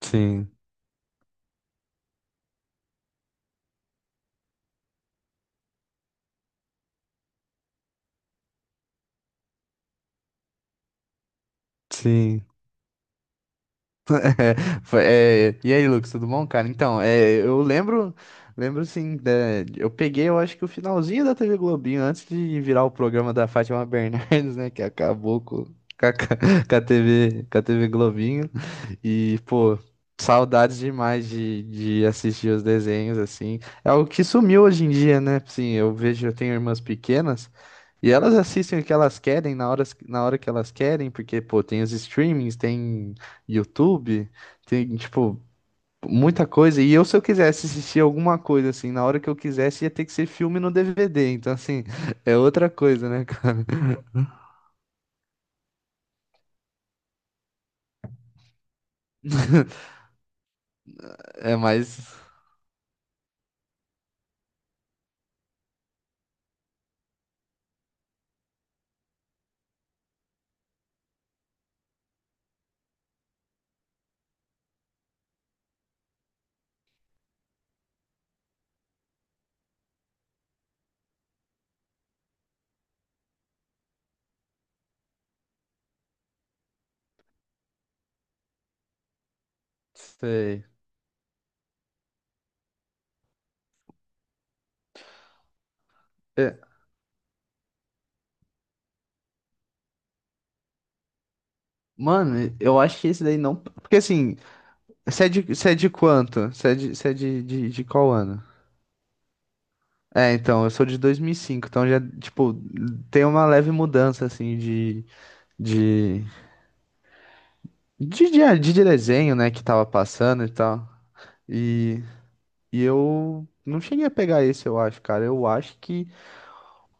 Sim, sim. E aí, Lucas, tudo bom, cara? Então, eu lembro assim, eu peguei, eu acho que o finalzinho da TV Globinho, antes de virar o programa da Fátima Bernardes, né, que acabou com a, TV, com a TV Globinho. E, pô, saudades demais de assistir os desenhos, assim. É algo que sumiu hoje em dia, né? Assim, eu vejo, eu tenho irmãs pequenas e elas assistem o que elas querem na hora que elas querem, porque, pô, tem os streamings, tem YouTube, tem, tipo, muita coisa. E eu, se eu quisesse assistir alguma coisa, assim, na hora que eu quisesse, ia ter que ser filme no DVD. Então, assim, é outra coisa, né, cara? É mais. Sei. É, mano, eu acho que esse daí não. Porque assim, você é de quanto? Você é de qual ano? É, então, eu sou de 2005, então já, tipo, tem uma leve mudança, assim, de, de desenho, né, que tava passando e tal. E, e eu não cheguei a pegar esse, eu acho, cara. Eu acho que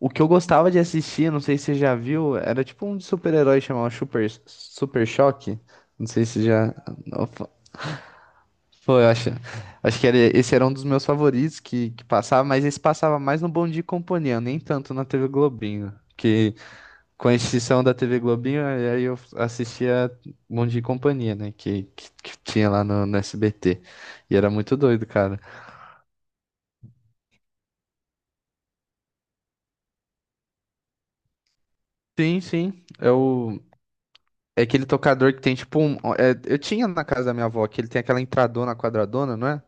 o que eu gostava de assistir, não sei se você já viu, era tipo um de super-herói chamado Super Choque. Não sei se já. Pô, acho que era, esse era um dos meus favoritos que passava, mas esse passava mais no Bom Dia e Companhia, nem tanto na TV Globinho. Que com a extinção da TV Globinho, aí eu assistia Bom Dia e Companhia, né? Que tinha lá no SBT. E era muito doido, cara. Sim, sim. É o. É aquele tocador que tem tipo um. É, eu tinha na casa da minha avó, que ele tem aquela entradona quadradona, não é?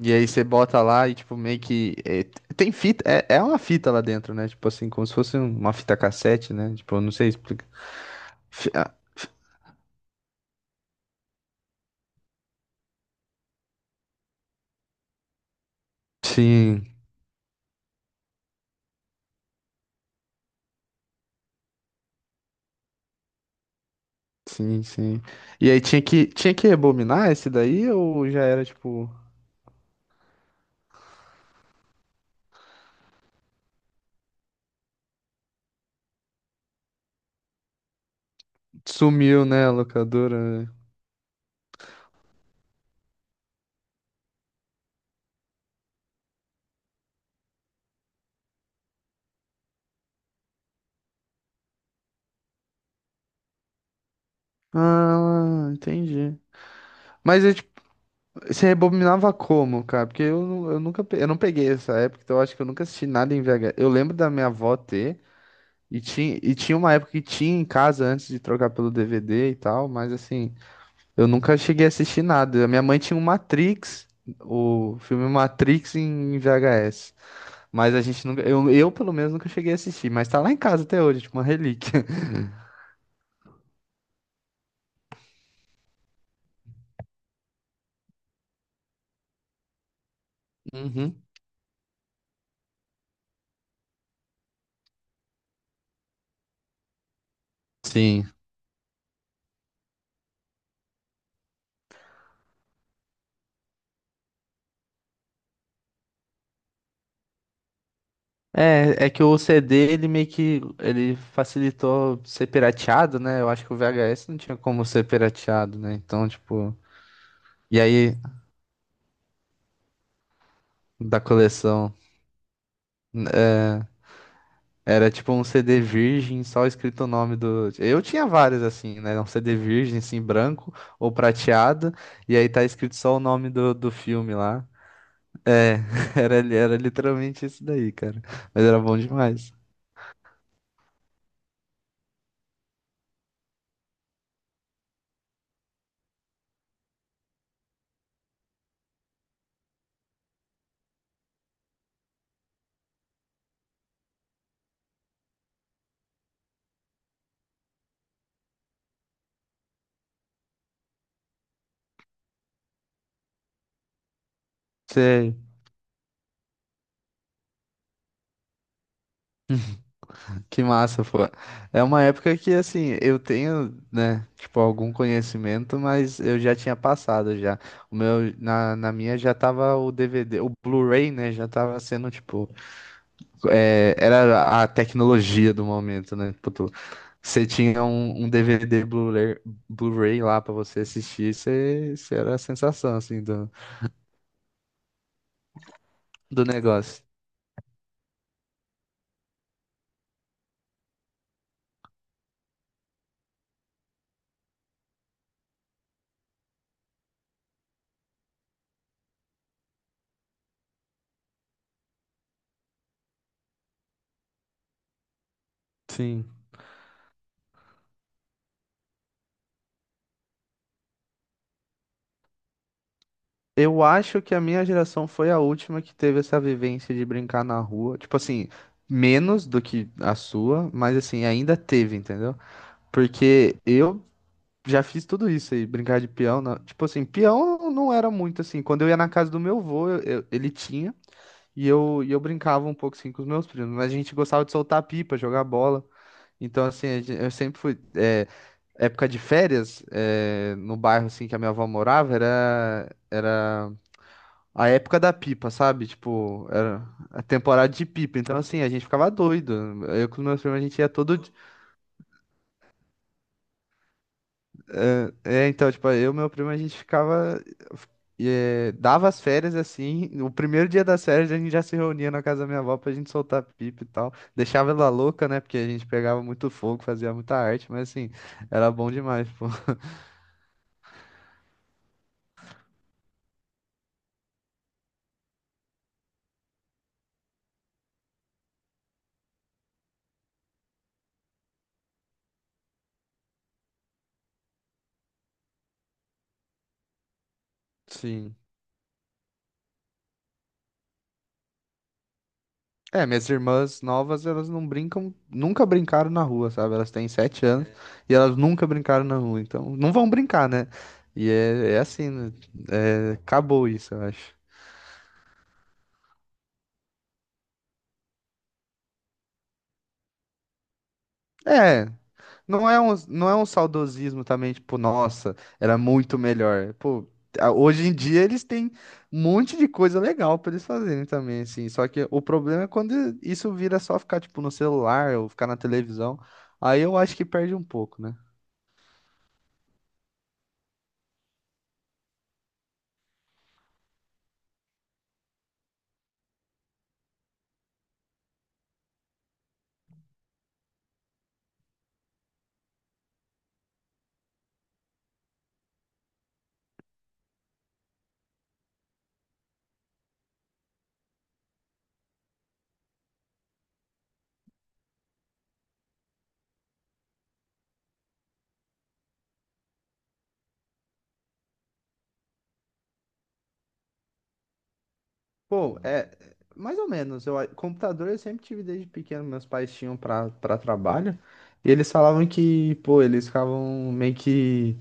E aí você bota lá e, tipo, meio que. É, tem fita. É, é uma fita lá dentro, né? Tipo assim, como se fosse um, uma fita cassete, né? Tipo, eu não sei explicar. Fi- ah, fi- Sim, sim, sim. E aí tinha que rebobinar esse daí ou já era, tipo. Sumiu, né, a locadora? Né? Ah, entendi. Mas eu, tipo, você rebobinava como, cara? Porque eu, eu nunca. Eu não peguei essa época, então eu acho que eu nunca assisti nada em VH. Eu lembro da minha avó ter. E tinha uma época que tinha em casa antes de trocar pelo DVD e tal, mas assim, eu nunca cheguei a assistir nada. A minha mãe tinha o Matrix, o filme Matrix em VHS, mas a gente nunca, eu pelo menos nunca cheguei a assistir, mas tá lá em casa até hoje, tipo uma relíquia. Uhum. Sim. É, é que o CD ele meio que ele facilitou ser pirateado, né? Eu acho que o VHS não tinha como ser pirateado, né? Então, tipo, e aí da coleção. Era tipo um CD virgem, só escrito o nome do. Eu tinha vários assim, né? Um CD virgem, assim, branco ou prateado, e aí tá escrito só o nome do filme lá. Era literalmente isso daí, cara. Mas era bom demais. Sei, que massa, pô. É uma época que, assim, eu tenho, né, tipo, algum conhecimento, mas eu já tinha passado já. O meu, na minha já tava o DVD, o Blu-ray, né, já tava sendo, tipo, é, era a tecnologia do momento, né? Tipo, você tinha um, um DVD Blu-ray lá pra você assistir, você era a sensação, assim, do, do negócio. Sim. Eu acho que a minha geração foi a última que teve essa vivência de brincar na rua. Tipo assim, menos do que a sua, mas assim, ainda teve, entendeu? Porque eu já fiz tudo isso aí, brincar de peão. Tipo assim, peão não era muito assim. Quando eu ia na casa do meu avô, ele tinha. E eu brincava um pouco assim com os meus primos, mas a gente gostava de soltar pipa, jogar bola. Então, assim, eu sempre fui. É, época de férias, é, no bairro assim que a minha avó morava, era a época da pipa, sabe? Tipo, era a temporada de pipa. Então, assim, a gente ficava doido. Eu com os meus primos, a gente ia todo, então, tipo, eu e meu primo, a gente ficava. Eh, dava as férias assim. O primeiro dia das férias a gente já se reunia na casa da minha avó pra gente soltar pipa e tal. Deixava ela louca, né? Porque a gente pegava muito fogo, fazia muita arte, mas assim, era bom demais, pô. Sim. É, minhas irmãs novas, elas não brincam, nunca brincaram na rua, sabe? Elas têm 7 anos e elas nunca brincaram na rua, então não vão brincar, né? E é, é assim, né? É, acabou isso, eu acho. É, não é um saudosismo também, tipo, nossa, era muito melhor. Pô, hoje em dia eles têm um monte de coisa legal pra eles fazerem também, assim. Só que o problema é quando isso vira só ficar, tipo, no celular ou ficar na televisão. Aí eu acho que perde um pouco, né? Pô, é mais ou menos. Eu, computador eu sempre tive desde pequeno. Meus pais tinham pra para trabalho. E eles falavam que, pô, eles ficavam meio que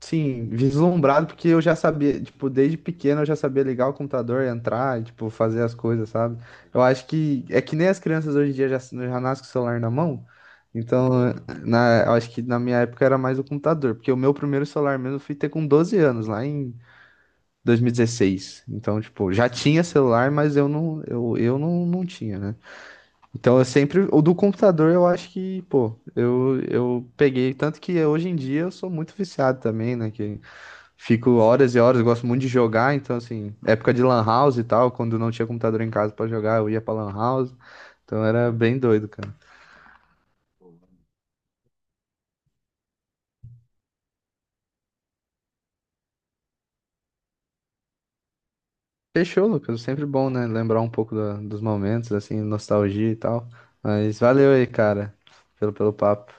Sim, vislumbrado, porque eu já sabia, tipo, desde pequeno eu já sabia ligar o computador, entrar, e, tipo, fazer as coisas, sabe? Eu acho que é que nem as crianças hoje em dia já nascem com o celular na mão. Então, eu acho que na minha época era mais o computador, porque o meu primeiro celular mesmo eu fui ter com 12 anos, lá em 2016. Então, tipo, já tinha celular, mas eu não tinha, né? Então, eu sempre, o do computador eu acho que, pô, eu peguei, tanto que hoje em dia eu sou muito viciado também, né? Que fico horas e horas, eu gosto muito de jogar, então assim, época de lan house e tal, quando não tinha computador em casa pra jogar, eu ia pra lan house, então era bem doido, cara. Fechou, Lucas, sempre bom, né, lembrar um pouco dos momentos, assim, nostalgia e tal, mas valeu aí, cara, pelo papo.